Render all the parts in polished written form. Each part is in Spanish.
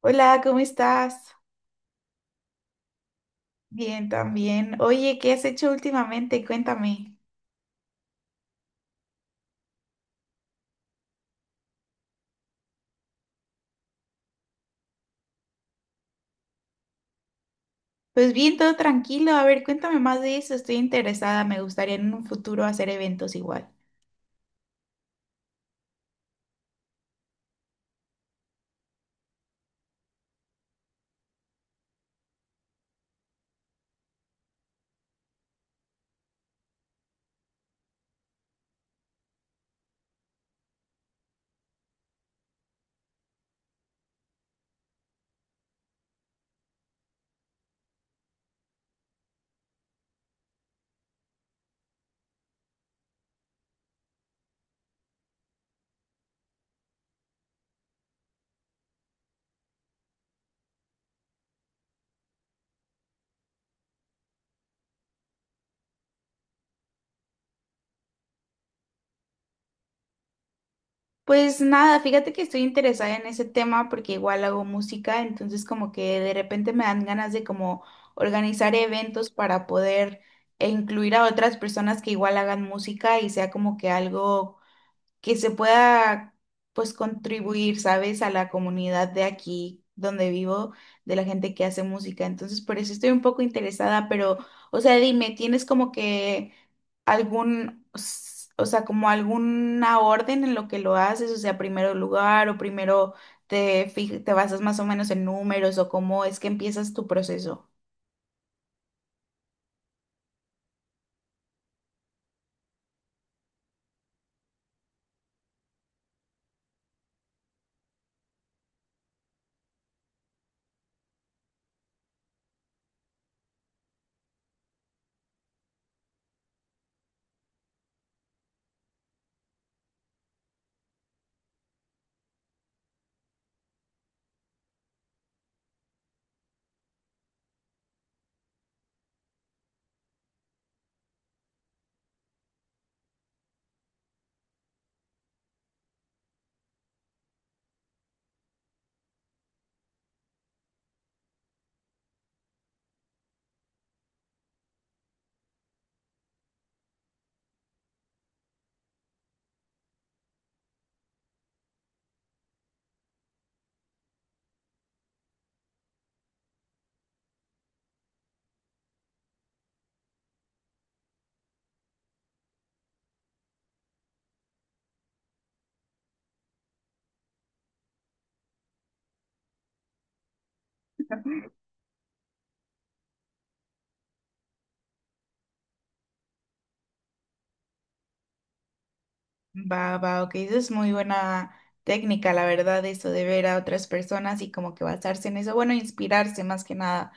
Hola, ¿cómo estás? Bien, también. Oye, ¿qué has hecho últimamente? Cuéntame. Pues bien, todo tranquilo. A ver, cuéntame más de eso. Estoy interesada. Me gustaría en un futuro hacer eventos igual. Pues nada, fíjate que estoy interesada en ese tema porque igual hago música, entonces como que de repente me dan ganas de como organizar eventos para poder incluir a otras personas que igual hagan música y sea como que algo que se pueda pues contribuir, ¿sabes? A la comunidad de aquí donde vivo, de la gente que hace música. Entonces, por eso estoy un poco interesada, pero, o sea, dime, ¿tienes como que algún, o sea, como alguna orden en lo que lo haces? O sea, primero lugar o primero te basas más o menos en números o cómo es que empiezas tu proceso. Va, va, ok, eso es muy buena técnica, la verdad, eso de ver a otras personas y como que basarse en eso, bueno, inspirarse más que nada.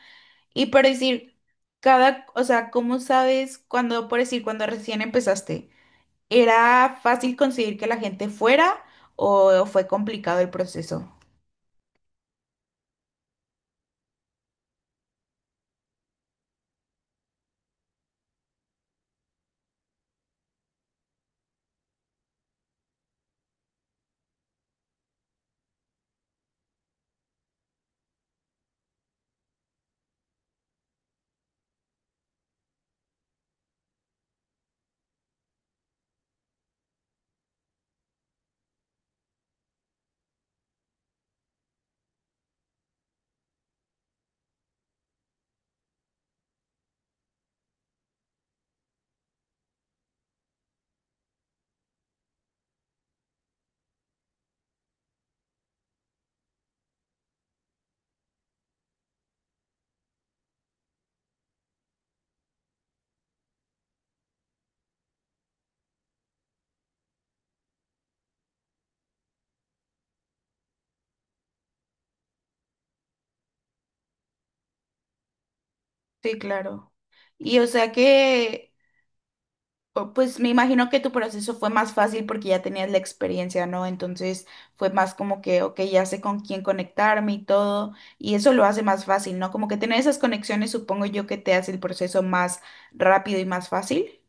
Y por decir, cada, o sea, ¿cómo sabes cuando, por decir, cuando recién empezaste, era fácil conseguir que la gente fuera o fue complicado el proceso? Sí, claro. Y o sea que pues me imagino que tu proceso fue más fácil porque ya tenías la experiencia, ¿no? Entonces fue más como que, ok, ya sé con quién conectarme y todo, y eso lo hace más fácil, ¿no? Como que tener esas conexiones supongo yo que te hace el proceso más rápido y más fácil.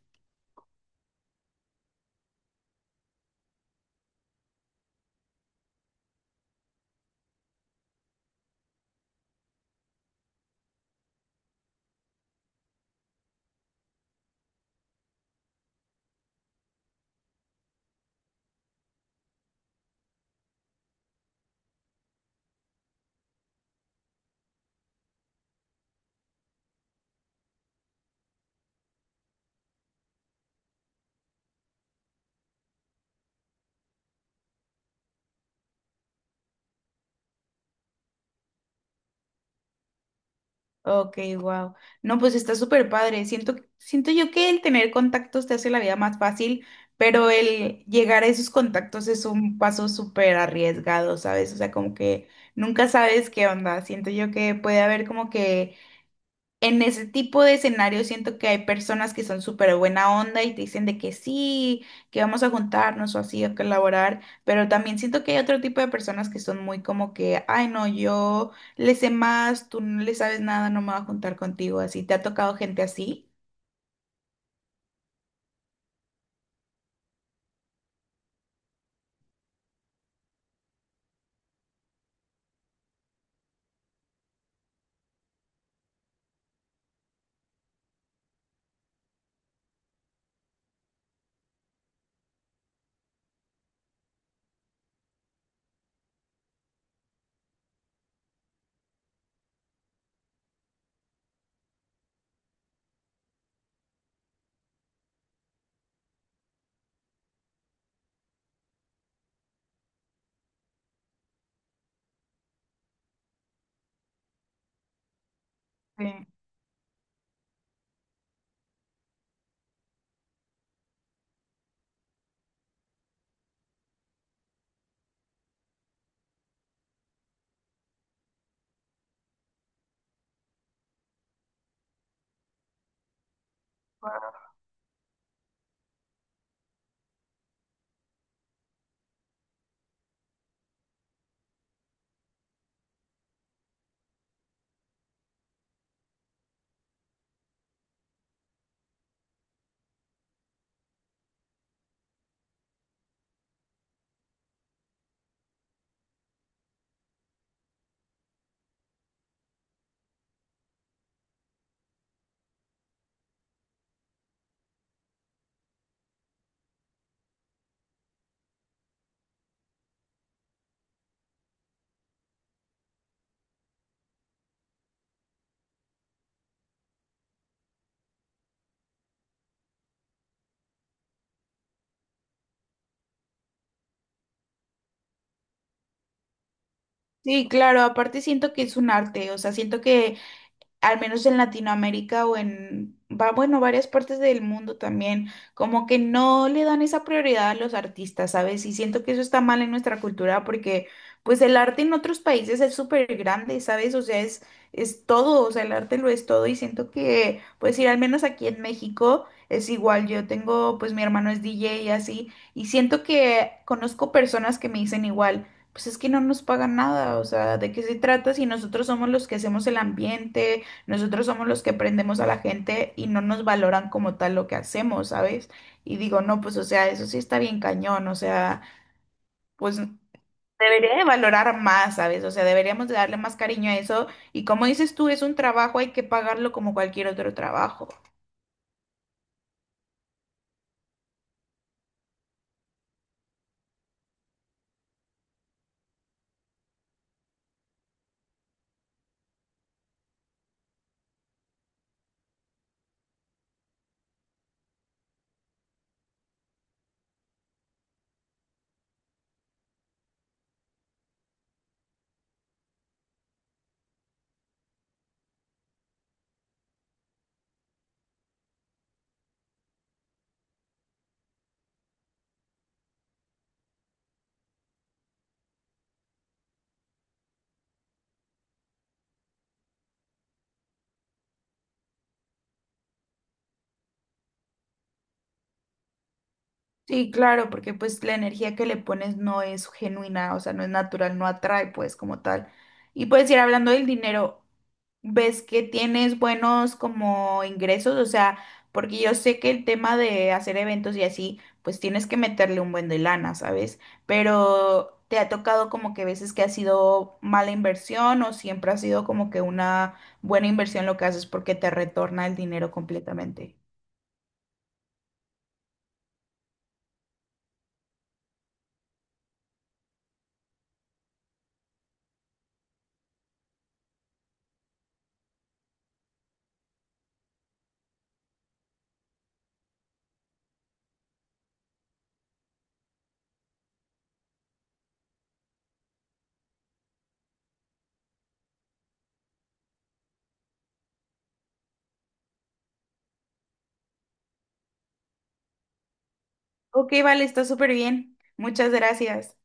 Ok, wow. No, pues está súper padre. Siento yo que el tener contactos te hace la vida más fácil, pero el llegar a esos contactos es un paso súper arriesgado, ¿sabes? O sea, como que nunca sabes qué onda. Siento yo que puede haber como que en ese tipo de escenario siento que hay personas que son súper buena onda y te dicen de que sí, que vamos a juntarnos o así, a colaborar, pero también siento que hay otro tipo de personas que son muy como que, ay no, yo le sé más, tú no le sabes nada, no me voy a juntar contigo, así. ¿Te ha tocado gente así? Sí. Sí, claro, aparte siento que es un arte, o sea, siento que al menos en Latinoamérica o en, bueno, varias partes del mundo también, como que no le dan esa prioridad a los artistas, ¿sabes? Y siento que eso está mal en nuestra cultura porque pues el arte en otros países es súper grande, ¿sabes? O sea, es todo, o sea, el arte lo es todo y siento que, pues ir al menos aquí en México es igual, yo tengo, pues mi hermano es DJ y así, y siento que conozco personas que me dicen igual pues es que no nos pagan nada, o sea, ¿de qué se trata si nosotros somos los que hacemos el ambiente? Nosotros somos los que prendemos a la gente y no nos valoran como tal lo que hacemos, ¿sabes? Y digo, no, pues, o sea, eso sí está bien cañón, o sea, pues debería de valorar más, ¿sabes? O sea, deberíamos de darle más cariño a eso. Y como dices tú, es un trabajo, hay que pagarlo como cualquier otro trabajo. Sí, claro, porque pues la energía que le pones no es genuina, o sea, no es natural, no atrae pues como tal. Y pues ir hablando del dinero, ¿ves que tienes buenos como ingresos? O sea, porque yo sé que el tema de hacer eventos y así, pues tienes que meterle un buen de lana, ¿sabes? Pero ¿te ha tocado como que veces que ha sido mala inversión o siempre ha sido como que una buena inversión lo que haces porque te retorna el dinero completamente? Ok, vale, está súper bien. Muchas gracias.